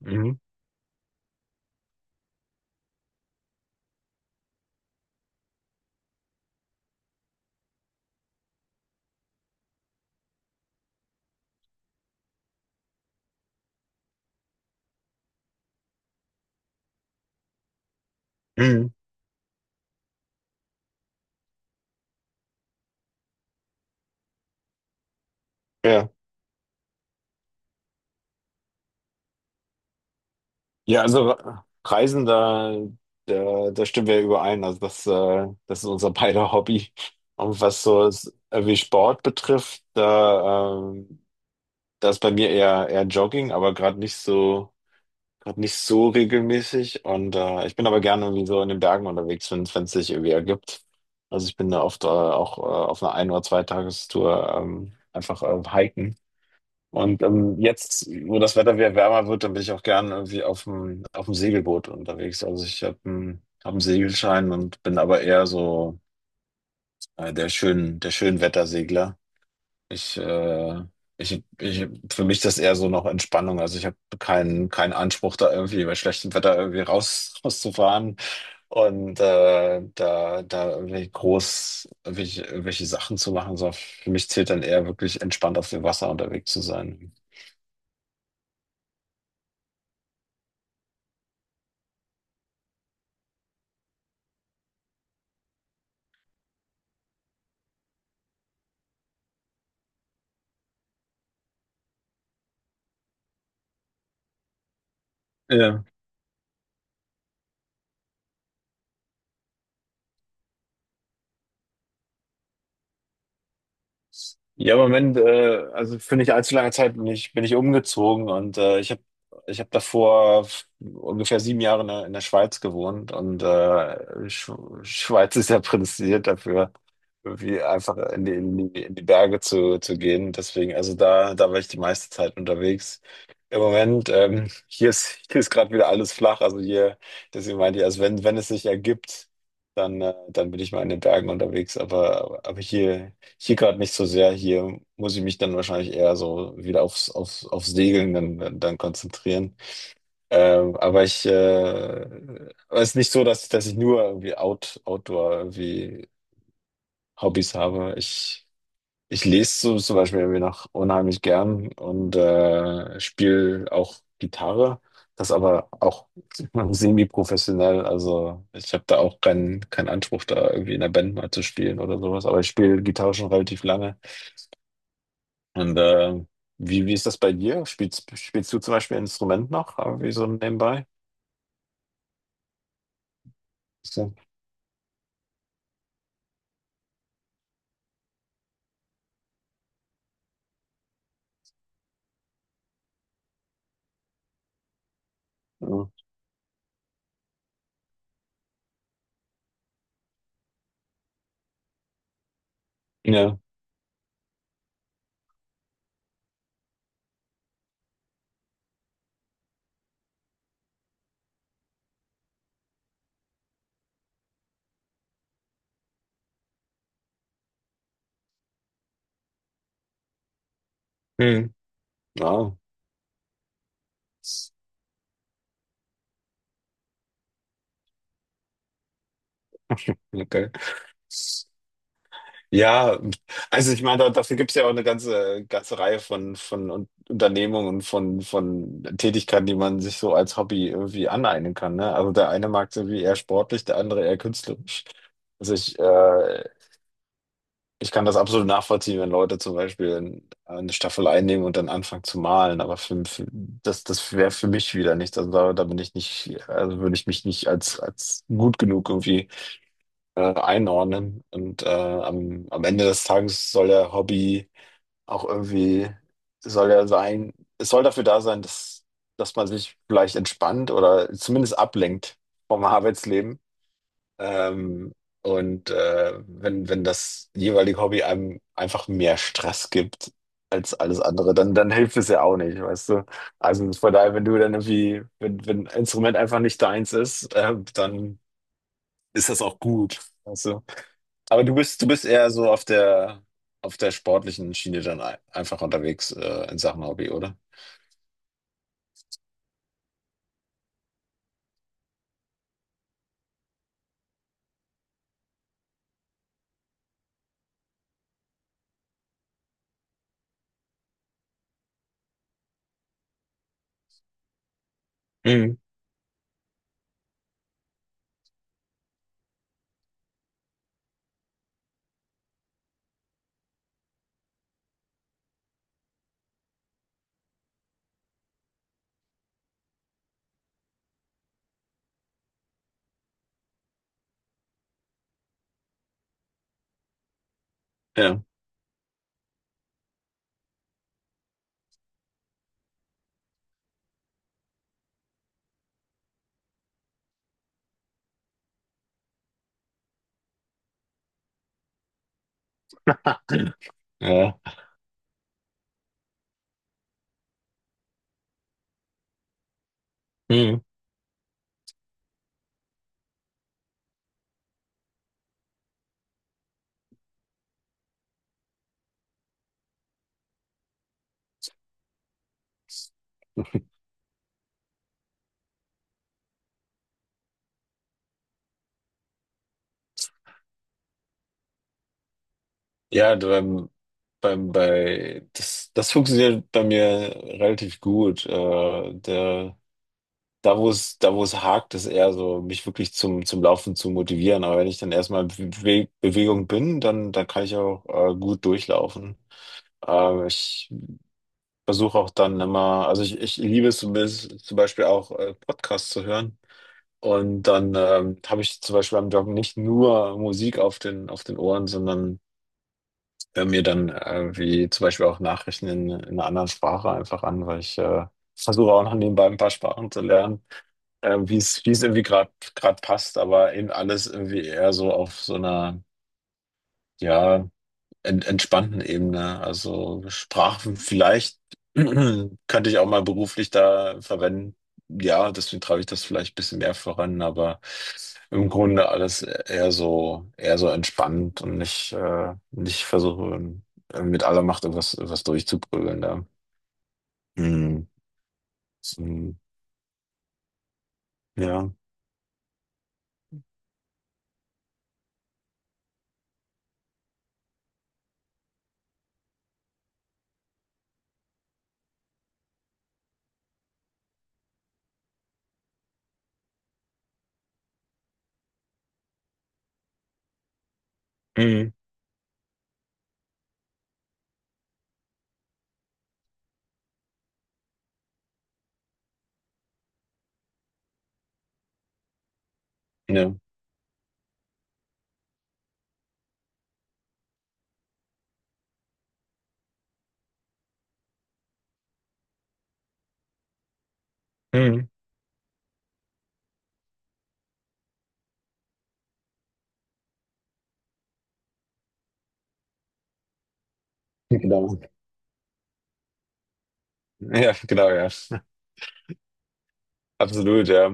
Mhm. Mhm. Ja. Ja, also Reisen, da stimmen wir überein. Also das ist unser beider Hobby. Und was so wie Sport betrifft, da ist bei mir eher Jogging, aber gerade nicht so regelmäßig. Und ich bin aber gerne irgendwie so in den Bergen unterwegs, wenn es sich irgendwie ergibt. Also ich bin da oft auch auf einer Ein- oder Zweitagestour einfach hiken. Und jetzt, wo das Wetter wieder wärmer wird, dann bin ich auch gern irgendwie auf dem Segelboot unterwegs. Also ich hab einen Segelschein und bin aber eher so der Schönwettersegler. Ich, äh, für mich ist das eher so noch Entspannung. Also ich habe keinen Anspruch, da irgendwie bei schlechtem Wetter irgendwie rauszufahren und da irgendwie groß irgendwelche Sachen zu machen. So, für mich zählt dann eher wirklich entspannt auf dem Wasser unterwegs zu sein. Ja. Ja, im Moment, also für nicht allzu lange Zeit bin ich umgezogen, und ich hab davor ungefähr 7 Jahre in der Schweiz gewohnt, und Schweiz ist ja prädestiniert dafür, irgendwie einfach in die Berge zu gehen. Deswegen, also da war ich die meiste Zeit unterwegs. Im Moment, hier ist gerade wieder alles flach, also hier, deswegen meinte ich, also wenn es sich ergibt, dann bin ich mal in den Bergen unterwegs, aber hier. Hier gerade nicht so sehr. Hier muss ich mich dann wahrscheinlich eher so wieder aufs Segeln dann konzentrieren. Aber es ist nicht so, dass ich nur irgendwie Outdoor irgendwie Hobbys habe. Ich lese so zum Beispiel irgendwie noch unheimlich gern und spiele auch Gitarre. Das aber auch semi-professionell. Also ich habe da auch keinen Anspruch, da irgendwie in der Band mal zu spielen oder sowas. Aber ich spiele Gitarre schon relativ lange. Und wie ist das bei dir? Spielst du zum Beispiel ein Instrument noch? Aber wie so nebenbei? So, ja. Ja. Hm. Ja. Okay. Ja, also ich meine, dafür gibt es ja auch eine ganze Reihe von Unternehmungen und von Tätigkeiten, die man sich so als Hobby irgendwie aneignen kann. Ne? Also der eine mag es irgendwie eher sportlich, der andere eher künstlerisch. Also ich kann das absolut nachvollziehen, wenn Leute zum Beispiel eine Staffel einnehmen und dann anfangen zu malen, aber das wäre für mich wieder nichts. Also da bin ich nicht, also würde ich mich nicht als gut genug irgendwie einordnen. Und am Ende des Tages soll der Hobby auch irgendwie, soll er sein, es soll dafür da sein, dass man sich vielleicht entspannt oder zumindest ablenkt vom Arbeitsleben. Ähm, und wenn das jeweilige Hobby einem einfach mehr Stress gibt als alles andere, dann hilft es ja auch nicht, weißt du? Also von daher, wenn du dann irgendwie, wenn ein Instrument einfach nicht deins ist, dann ist das auch gut, weißt du? Aber du bist eher so auf der sportlichen Schiene dann einfach unterwegs, in Sachen Hobby, oder? Mhm. Ja, ja. Mhm. Ja, das funktioniert bei mir relativ gut. Da, wo es hakt, ist eher so, mich wirklich zum Laufen zu motivieren. Aber wenn ich dann erstmal in Bewegung bin, dann kann ich auch gut durchlaufen. Ich versuche auch dann immer, also ich liebe es zumindest zum Beispiel auch Podcasts zu hören. Und dann habe ich zum Beispiel beim Joggen nicht nur Musik auf den Ohren, sondern höre mir dann wie zum Beispiel auch Nachrichten in einer anderen Sprache einfach an, weil ich versuche auch noch nebenbei ein paar Sprachen zu lernen, wie es irgendwie gerade passt, aber eben alles irgendwie eher so auf so einer, ja, entspannten Ebene. Also Sprachen vielleicht könnte ich auch mal beruflich da verwenden. Ja, deswegen treibe ich das vielleicht ein bisschen mehr voran, aber im Grunde alles eher so entspannt und nicht, nicht versuche, mit aller Macht irgendwas durchzuprügeln da. Mhm. Mhm. Ja. Mhm. Ja. Mhm. Genau. Ja, genau, ja. Absolut, ja.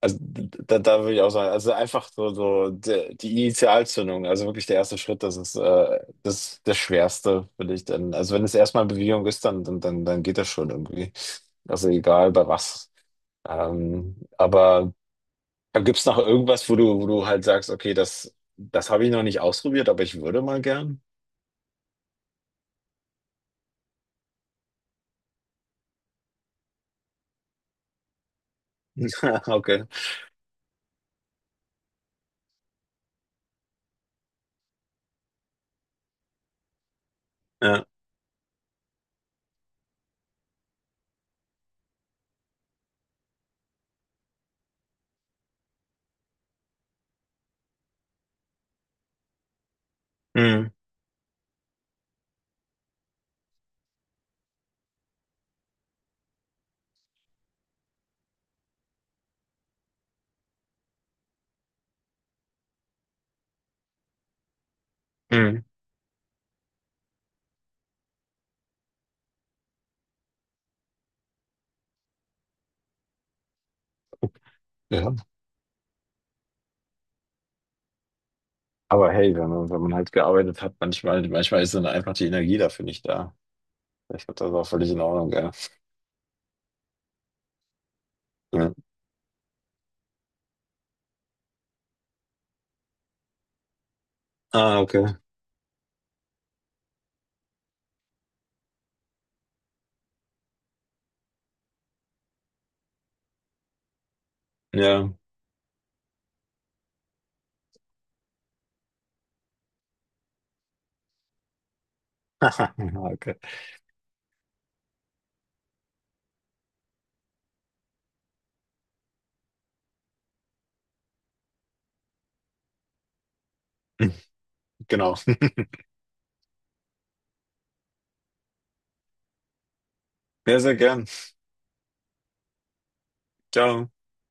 Also da würde ich auch sagen, also einfach so die Initialzündung, also wirklich der erste Schritt, das ist das Schwerste, finde ich dann. Also wenn es erstmal Bewegung ist, dann geht das schon irgendwie. Also egal bei was. Aber gibt es noch irgendwas, wo du halt sagst, okay, das habe ich noch nicht ausprobiert, aber ich würde mal gern. Okay. Ja. Mhm. Mhm. Ja. Aber hey, wenn man, halt gearbeitet hat, manchmal ist dann einfach die Energie dafür nicht da. Ich glaube, das ist auch völlig in Ordnung, ja. Ja. Ah, okay. Ja. Okay. Genau. Ja, sehr gern. Ciao.